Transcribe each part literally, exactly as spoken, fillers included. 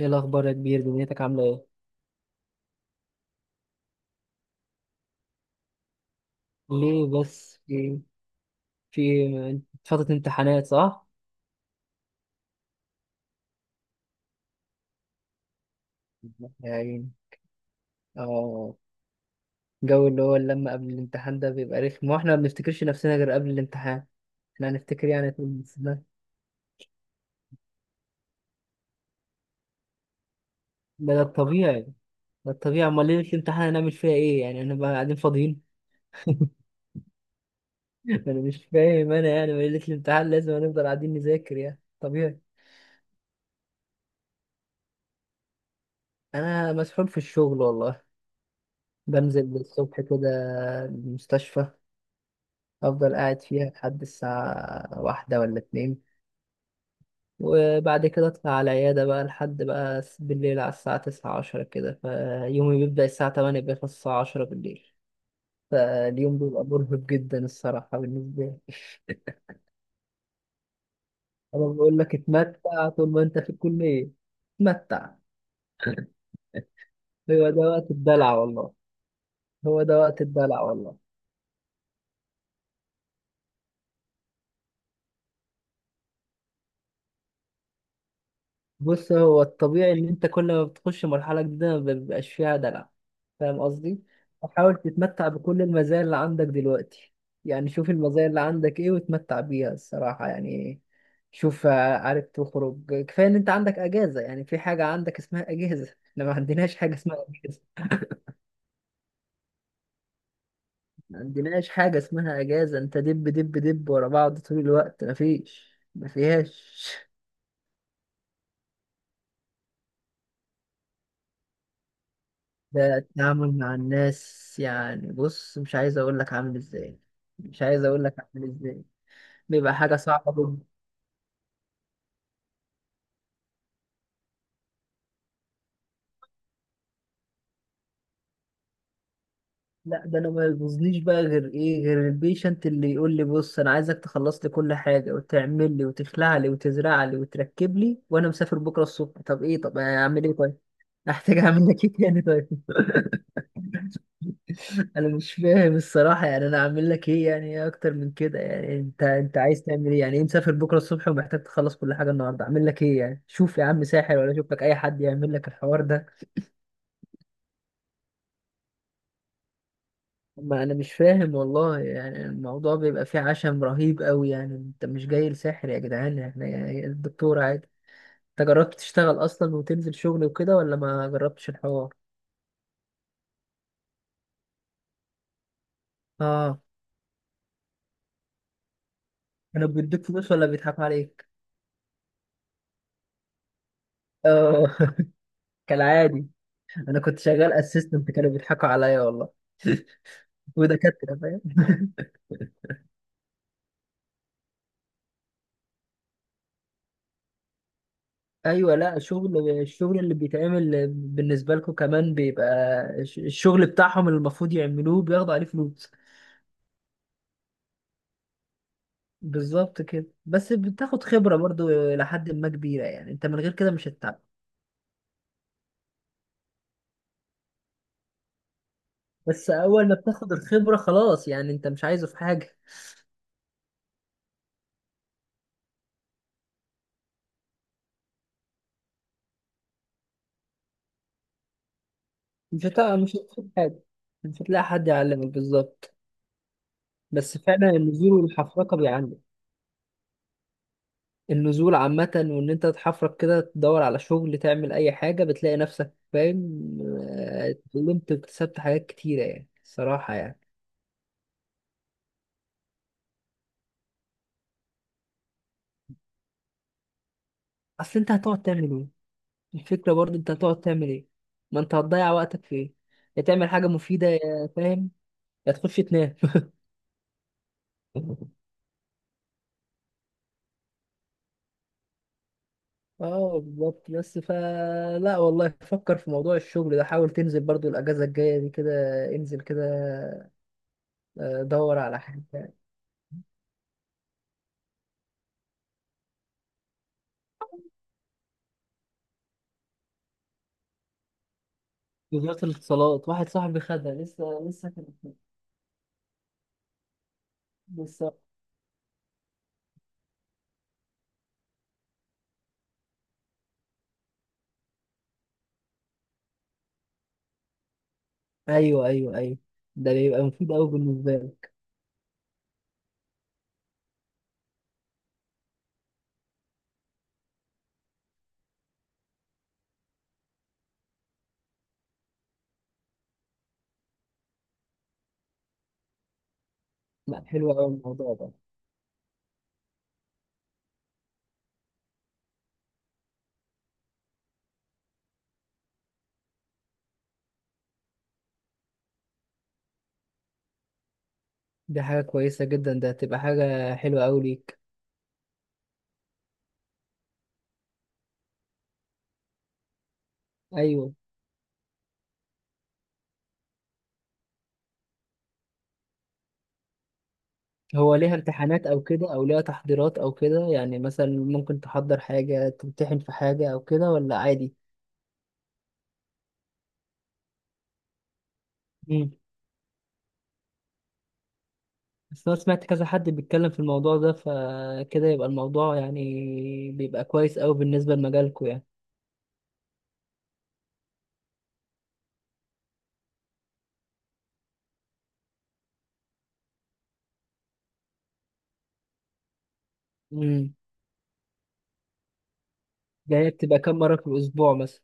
ايه الاخبار يا كبير؟ دنيتك عامله ايه؟ ليه بس؟ في في فتره امتحانات صح؟ يا عيني. اه. الجو اللي هو اللمه قبل الامتحان ده بيبقى رخم، واحنا ما بنفتكرش نفسنا غير قبل الامتحان. احنا هنفتكر يعني طول السنه؟ ده ده الطبيعي. ده الطبيعي، امال ليله الامتحان هنعمل فيها ايه؟ يعني هنبقى قاعدين فاضيين؟ انا مش فاهم. انا يعني ليله الامتحان لازم هنفضل قاعدين نذاكر، يعني طبيعي. انا مسحول في الشغل والله. بنزل الصبح كده. المستشفى. افضل قاعد فيها لحد الساعة واحدة ولا اتنين. وبعد كده اطلع على العيادة بقى لحد بقى س- بالليل على الساعة تسعة عشرة كده. فيومي بيبدأ الساعة تمانية، بيخلص الساعة عشرة بالليل. فاليوم بيبقى مرهق جدا الصراحة بالنسبة لي. أنا بقول لك اتمتع طول ما أنت في الكلية. اتمتع. هو ده وقت الدلع والله. هو ده وقت الدلع والله. بص، هو الطبيعي ان انت كل ما بتخش مرحله جديده ما بيبقاش فيها دلع. فاهم قصدي؟ حاول تتمتع بكل المزايا اللي عندك دلوقتي. يعني شوف المزايا اللي عندك ايه، وتمتع بيها الصراحه يعني. شوف، آه، عارف تخرج كفايه ان انت عندك اجازه. يعني في حاجه عندك اسمها اجازه. احنا ما عندناش حاجه اسمها اجازه. ما عندناش حاجه اسمها اجازه. انت دب دب دب ورا بعض طول الوقت، ما فيش ما فيهاش. ده التعامل مع الناس يعني. بص مش عايز اقول لك عامل ازاي. مش عايز اقول لك عامل ازاي. بيبقى حاجه صعبه جدا. لا، ده انا ما يبوظنيش بقى غير ايه؟ غير البيشنت اللي يقول لي بص انا عايزك تخلص لي كل حاجه، وتعمل لي وتخلع لي وتزرع لي وتركب لي، وانا مسافر بكره الصبح. طب ايه؟ طب اعمل ايه طيب؟ احتاج اعمل لك ايه تاني طيب؟ انا مش فاهم الصراحه يعني. انا اعمل لك ايه؟ يعني ايه اكتر من كده؟ يعني انت انت عايز تعمل ايه؟ يعني ايه مسافر بكره الصبح ومحتاج تخلص كل حاجه النهارده؟ اعمل لك ايه يعني؟ شوف يا عم ساحر، ولا شوف لك اي حد يعمل لك الحوار ده. ما انا مش فاهم والله. يعني الموضوع بيبقى فيه عشم رهيب قوي. يعني انت مش جاي لساحر يا جدعان، احنا يعني الدكتور عادي. انت جربت تشتغل اصلا وتنزل شغل وكده، ولا ما جربتش الحوار؟ اه. انا بيديك فلوس ولا بيضحكوا عليك؟ اه. كالعادي. انا كنت شغال اسيستنت، كانوا بيضحكوا عليا والله. ودكاتره فاهم. ايوه. لا، شغل الشغل اللي بيتعمل بالنسبه لكم كمان بيبقى. الش- الشغل بتاعهم اللي المفروض يعملوه بياخدوا عليه فلوس. بالظبط كده. بس بتاخد خبره برضو. لحد ما كبيره يعني، انت من غير كده مش هتتعب. بس اول ما بتاخد الخبره خلاص، يعني انت مش عايزه في حاجه. مش هتلاقي مش هتلاقي حاجه. مش هتلاقي حد يعلمك بالظبط. بس فعلا النزول والحفرقه بيعلم. النزول عامة، وإن أنت تحفرك كده تدور على شغل تعمل أي حاجة، بتلاقي نفسك فاهم، آه، اتعلمت واكتسبت حاجات كتيرة يعني الصراحة يعني. أصل أنت هتقعد تعمل إيه؟ الفكرة برضه أنت هتقعد تعمل إيه؟ ما أنت هتضيع وقتك في إيه؟ يا تعمل حاجة مفيدة، يا فاهم. يا تخش تنام. اه بالظبط. بس فا لا والله، فكر في موضوع الشغل ده، حاول تنزل برضو الاجازه الجايه دي كده. انزل كده. آه، دور على حاجه. وزاره الاتصالات. واحد صاحبي خدها لسه لسه. بالظبط. ايوه، ايوه، ايوه. ده بيبقى مفيد قوي بالنسبه لك. لا، حلو قوي الموضوع ده. دي حاجه كويسه جدا، ده هتبقى حاجه حلوه قوي ليك. ايوه. هو ليها امتحانات او كده؟ او ليها تحضيرات او كده؟ يعني مثلا ممكن تحضر حاجه، تمتحن في حاجه او كده، ولا عادي؟ امم بس انا سمعت كذا حد بيتكلم في الموضوع ده، فكده يبقى الموضوع يعني. بيبقى كويس قوي بالنسبه لمجالكم يعني. امم ده هي بتبقى كم مره في الاسبوع مثلا؟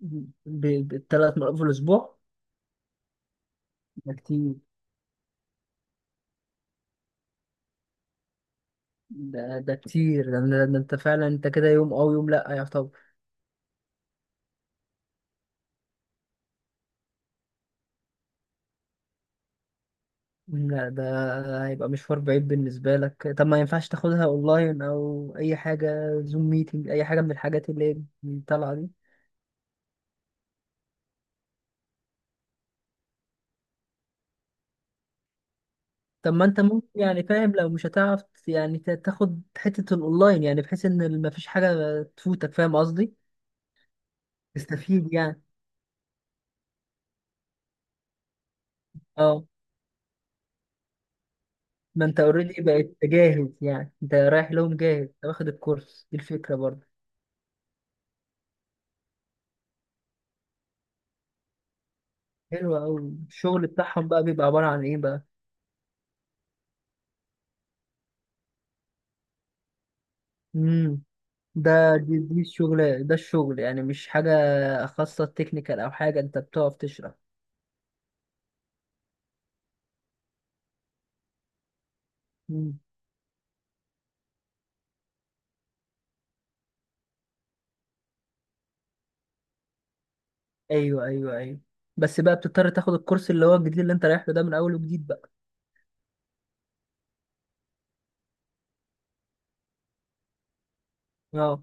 ب- ب- بالثلاث مرات في الاسبوع؟ ده كتير. ده ده كتير، ده, ده, ده انت فعلا. انت كده يوم او يوم لا يعتبر. لا، ده هيبقى مشوار بعيد بالنسبة لك. طب ما ينفعش تاخدها اونلاين؟ او اي حاجة زوم ميتنج، اي حاجة من الحاجات اللي هي طالعة دي؟ طب ما انت ممكن يعني، فاهم، لو مش هتعرف. يعني تا- تاخد حتة الاونلاين، يعني بحيث ان مفيش حاجة تفوتك. فاهم قصدي؟ تستفيد يعني. اه، ما انت اوريدي بقيت جاهز. يعني انت رايح لهم جاهز، انت واخد الكورس. دي الفكرة برضه. حلوة أوي. الشغل بتاعهم بقى بيبقى عبارة عن إيه بقى؟ امم. ده دي, دي الشغل. ده الشغل يعني مش حاجة خاصة تكنيكال أو حاجة، أنت بتقف تشرح؟ امم. أيوه، أيوه، أيوه. بس بقى بتضطر تاخد الكورس اللي هو الجديد، اللي أنت رايح له ده، من أول وجديد بقى. اه.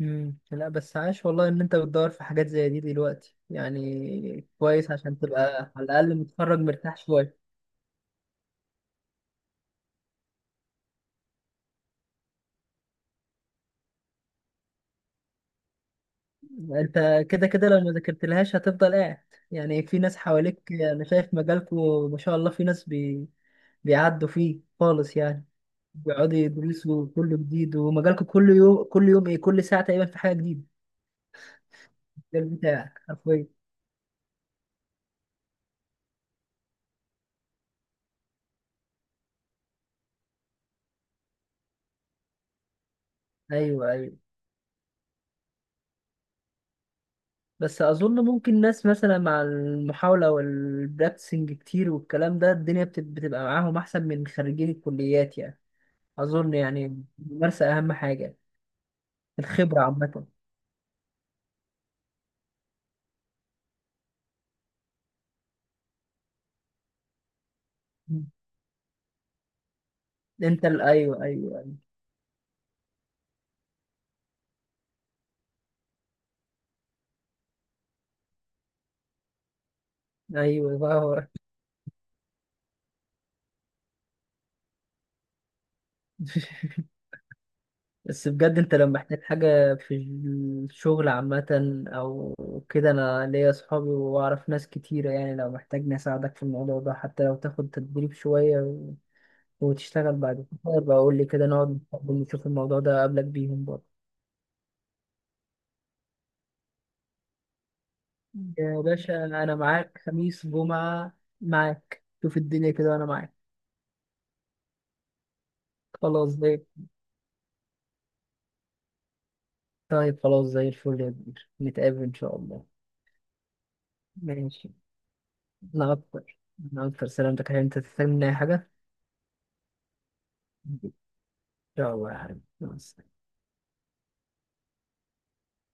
امم لا، بس عاش والله إن أنت بتدور في حاجات زي دي دلوقتي، يعني كويس عشان تبقى على الأقل متخرج مرتاح شوية. أنت كده كده لو ما ذاكرتلهاش هتفضل قاعد. يعني في ناس حواليك، أنا شايف مجالكوا ما شاء الله في ناس بي... بيعدوا فيه خالص يعني. بيقعدوا يدرسوا كله جديد. ومجالكم كل يوم كل يوم ايه؟ كل ساعة تقريبا في حاجة جديدة. ده بتاعك حرفيا. ايوه، ايوه. بس اظن ممكن ناس مثلا مع المحاولة والبراكتسنج كتير والكلام ده، الدنيا بت- بتبقى معاهم احسن من خريجين الكليات يعني. اظن يعني. الممارسة اهم حاجة. الخبرة عامة. انت ال- ايوه، ايوه، ايوه بقى هو. بس بجد، انت لو محتاج حاجة في الشغل عامة، او كده، انا ليا صحابي واعرف ناس كتيرة. يعني لو محتاجني اساعدك في الموضوع ده، حتى لو تاخد تدريب شوية و... وتشتغل بعد كده بقى، قول لي كده نقعد نتقابل نشوف الموضوع ده قبلك بيهم برضه. يا باشا، انا معاك خميس جمعة. معاك. شوف الدنيا كده وانا معاك. خلاص زي طيب خلاص زي الفل يا كبير، نتقابل ان شاء الله. ماشي. انا اكتر انا اكتر. سلامتك، هل انت تحتاج مني اي حاجة؟ شاء الله يا حبيبي، مع السلامة.